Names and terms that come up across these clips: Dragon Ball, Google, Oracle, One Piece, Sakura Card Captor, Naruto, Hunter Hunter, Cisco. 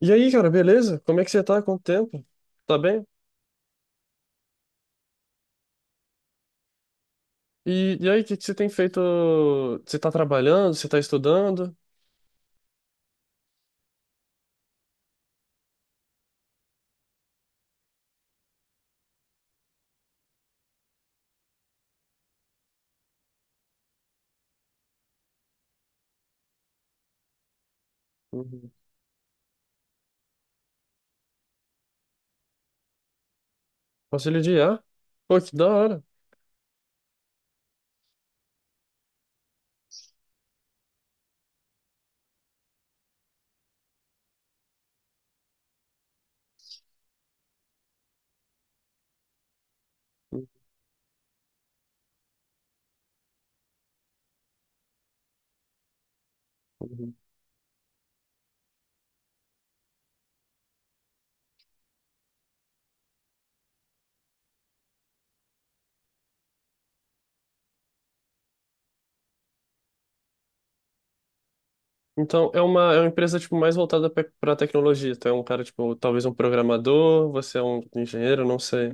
E aí, cara, beleza? Como é que você tá? Quanto tempo? Tá bem? E aí, o que você tem feito? Você tá trabalhando? Você tá estudando? Uhum. Conselho de IA? Pô, que da hora. Uhum. Então, é uma empresa, tipo, mais voltada pra tecnologia. Então, é um cara, tipo, talvez um programador, você é um engenheiro, não sei.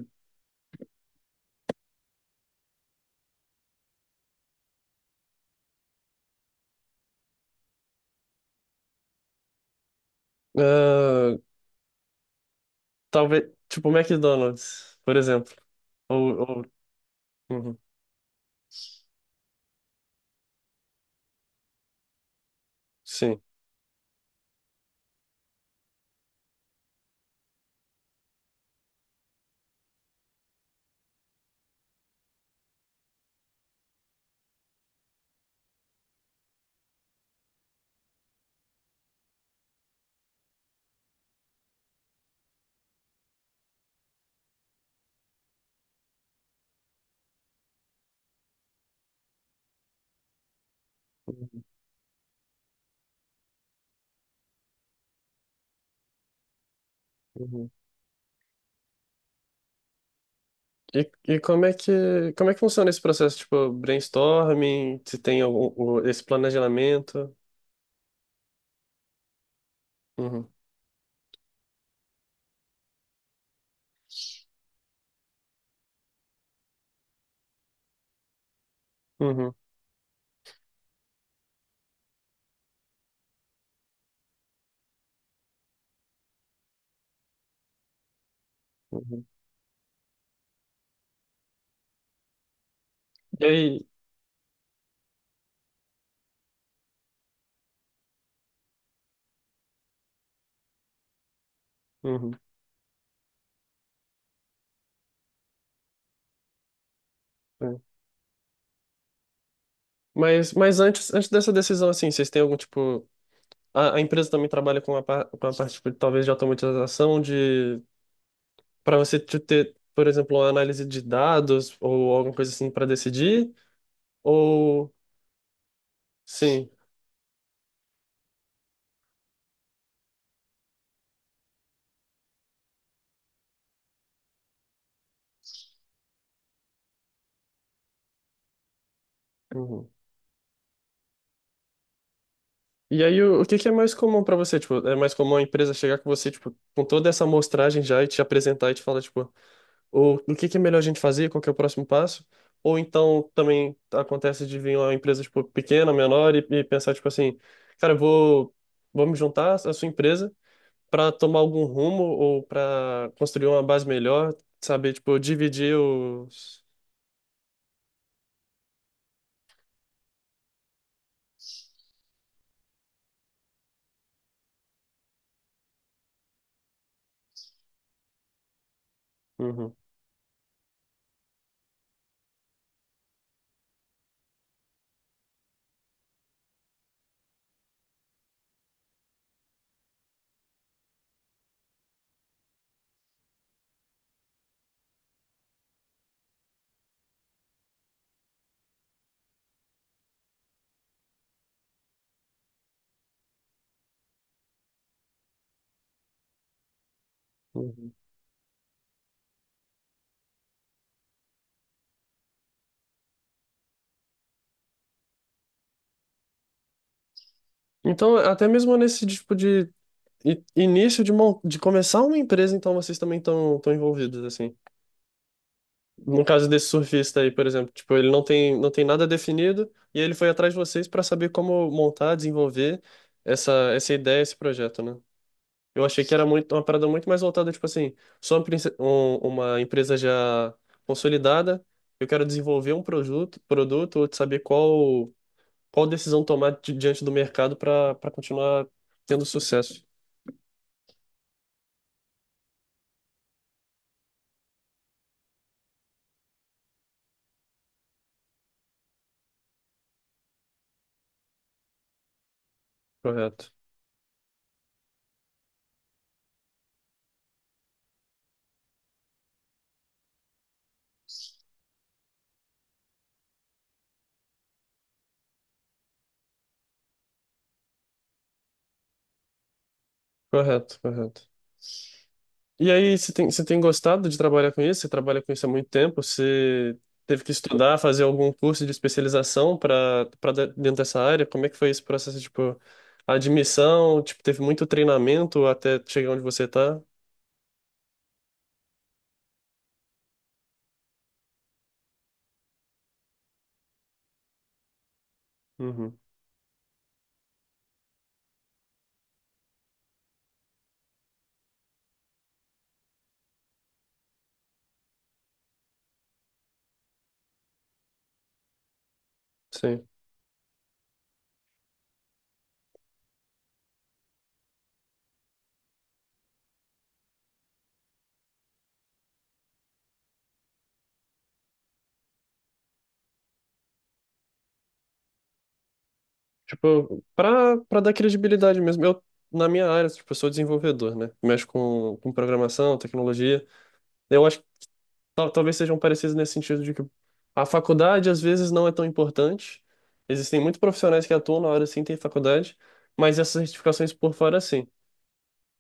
Ah, talvez, tipo, McDonald's, por exemplo. Ou, ou- uhum. Sim. Uhum. E como é que funciona esse processo, tipo, brainstorming, se tem algum, esse planejamento? Uhum, uhum, uhum. E aí, uhum, é. Mas antes, antes dessa decisão, assim, vocês têm algum tipo, a empresa também trabalha com a, com a parte, tipo, talvez de automatização, de para você ter, por exemplo, uma análise de dados ou alguma coisa assim para decidir? Ou sim? Uhum. E aí, o que é mais comum pra você? Tipo, é mais comum a empresa chegar com você, tipo, com toda essa amostragem já e te apresentar e te falar, tipo, o que é melhor a gente fazer, qual que é o próximo passo? Ou então também acontece de vir uma empresa, tipo, pequena, menor e pensar, tipo assim, cara, eu vou, vamos juntar a sua empresa para tomar algum rumo ou para construir uma base melhor, saber, tipo, dividir os... Uhum, uhum. Então, até mesmo nesse tipo de início de, de começar uma empresa, então vocês também estão envolvidos, assim. No caso desse surfista aí, por exemplo, tipo, ele não tem, não tem nada definido e ele foi atrás de vocês para saber como montar, desenvolver essa ideia, esse projeto, né? Eu achei que era muito, uma parada muito mais voltada, tipo assim, sou uma, uma empresa já consolidada, eu quero desenvolver um produto, produto ou saber qual, qual decisão tomar diante do mercado para continuar tendo sucesso. Correto. Correto, correto. E aí, você tem gostado de trabalhar com isso? Você trabalha com isso há muito tempo? Você teve que estudar, fazer algum curso de especialização para dentro dessa área? Como é que foi esse processo, tipo, a admissão, tipo, teve muito treinamento até chegar onde você tá? Uhum, sim. Tipo, para dar credibilidade mesmo. Eu na minha área, tipo, eu sou desenvolvedor, né? Mexo com programação, tecnologia. Eu acho talvez sejam parecidos nesse sentido de que a faculdade às vezes não é tão importante. Existem muitos profissionais que atuam na hora sim, tem faculdade, mas essas certificações por fora sim.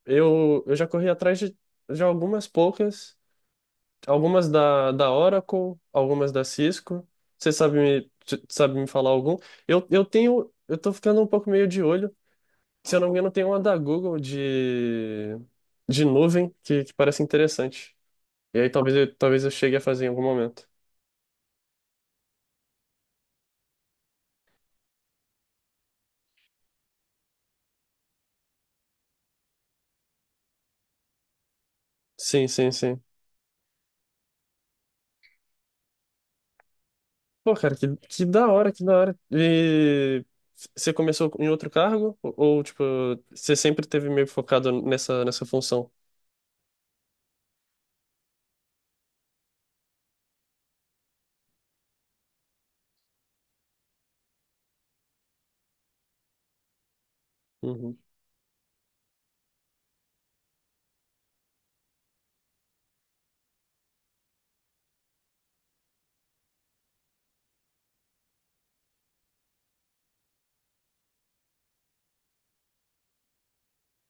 Eu já corri atrás de algumas poucas, algumas da, da Oracle, algumas da Cisco. Você sabe me, sabe me falar algum? Eu tenho, eu tô ficando um pouco meio de olho. Se eu não me engano, tem uma da Google de nuvem que parece interessante. E aí talvez eu chegue a fazer em algum momento. Sim, sim, sim. Pô, cara, que da hora, que da hora. E você começou em outro cargo? Tipo, você sempre teve meio focado nessa, nessa função? Uhum,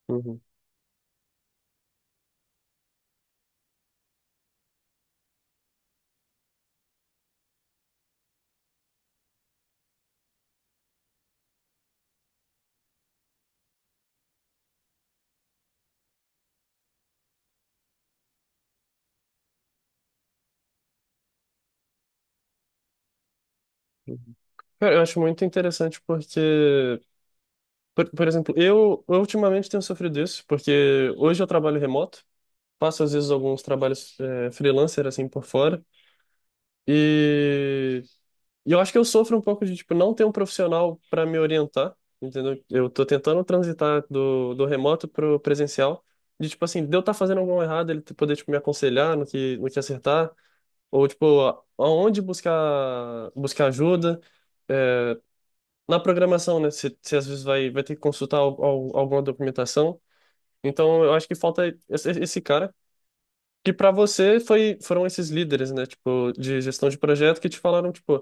uhum. Cara, eu acho muito interessante porque, por exemplo, eu ultimamente tenho sofrido isso, porque hoje eu trabalho remoto, faço às vezes alguns trabalhos freelancer, assim, por fora, e E eu acho que eu sofro um pouco de, tipo, não ter um profissional para me orientar, entendeu? Eu tô tentando transitar do, do remoto pro presencial, de, tipo, assim, de eu estar fazendo alguma errada ele poder, tipo, me aconselhar no que, no que acertar, ou, tipo, aonde buscar, buscar ajuda. É, na programação, né? Você às vezes vai, vai ter que consultar alguma documentação. Então, eu acho que falta esse, esse cara. Que para você foi, foram esses líderes, né? Tipo, de gestão de projeto que te falaram, tipo,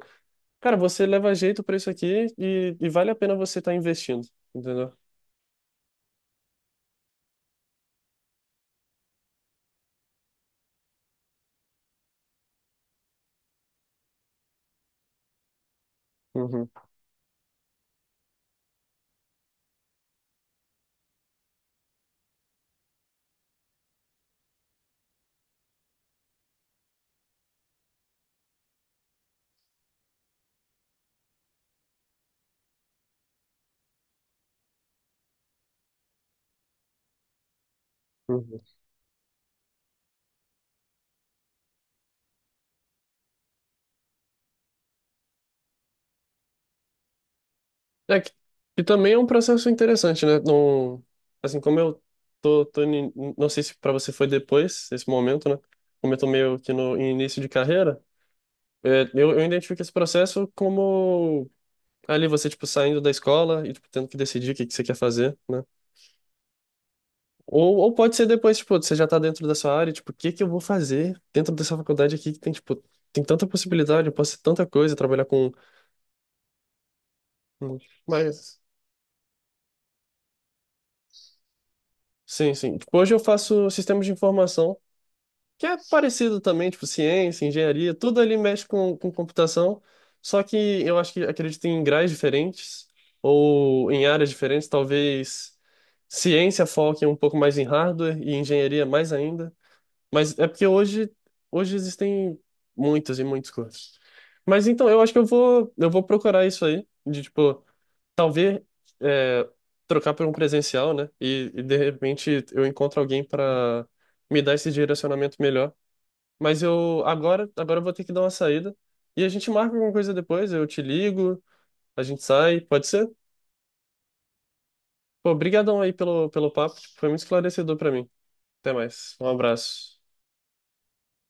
cara, você leva jeito pra isso aqui e vale a pena você estar investindo, entendeu? Uhum, uhum. É que também é um processo interessante, né? Não, assim, como eu tô, tô ni- não sei se para você foi depois, esse momento, né? Como eu tô meio que no em início de carreira, é, eu identifico esse processo como ali você, tipo, saindo da escola e, tipo, tendo que decidir que você quer fazer, né? Ou pode ser depois, tipo, você já tá dentro da sua área, tipo, o que que eu vou fazer dentro dessa faculdade aqui que tem, tipo, tem tanta possibilidade, eu posso ser tanta coisa, trabalhar com... com- Mas, sim, sim. Tipo, hoje eu faço sistemas de informação, que é parecido também, tipo, ciência, engenharia, tudo ali mexe com computação, só que eu acho que, acredito em graus diferentes, ou em áreas diferentes, talvez ciência foque um pouco mais em hardware e engenharia mais ainda. Mas é porque hoje, hoje existem muitas e muitos cursos. Mas então, eu acho que eu vou procurar isso aí, de tipo, talvez é, trocar por um presencial, né? De repente eu encontro alguém para me dar esse direcionamento melhor. Mas agora eu vou ter que dar uma saída. E a gente marca alguma coisa depois, eu te ligo, a gente sai, pode ser? Pô, brigadão aí pelo, pelo papo, foi muito esclarecedor para mim. Até mais, um abraço.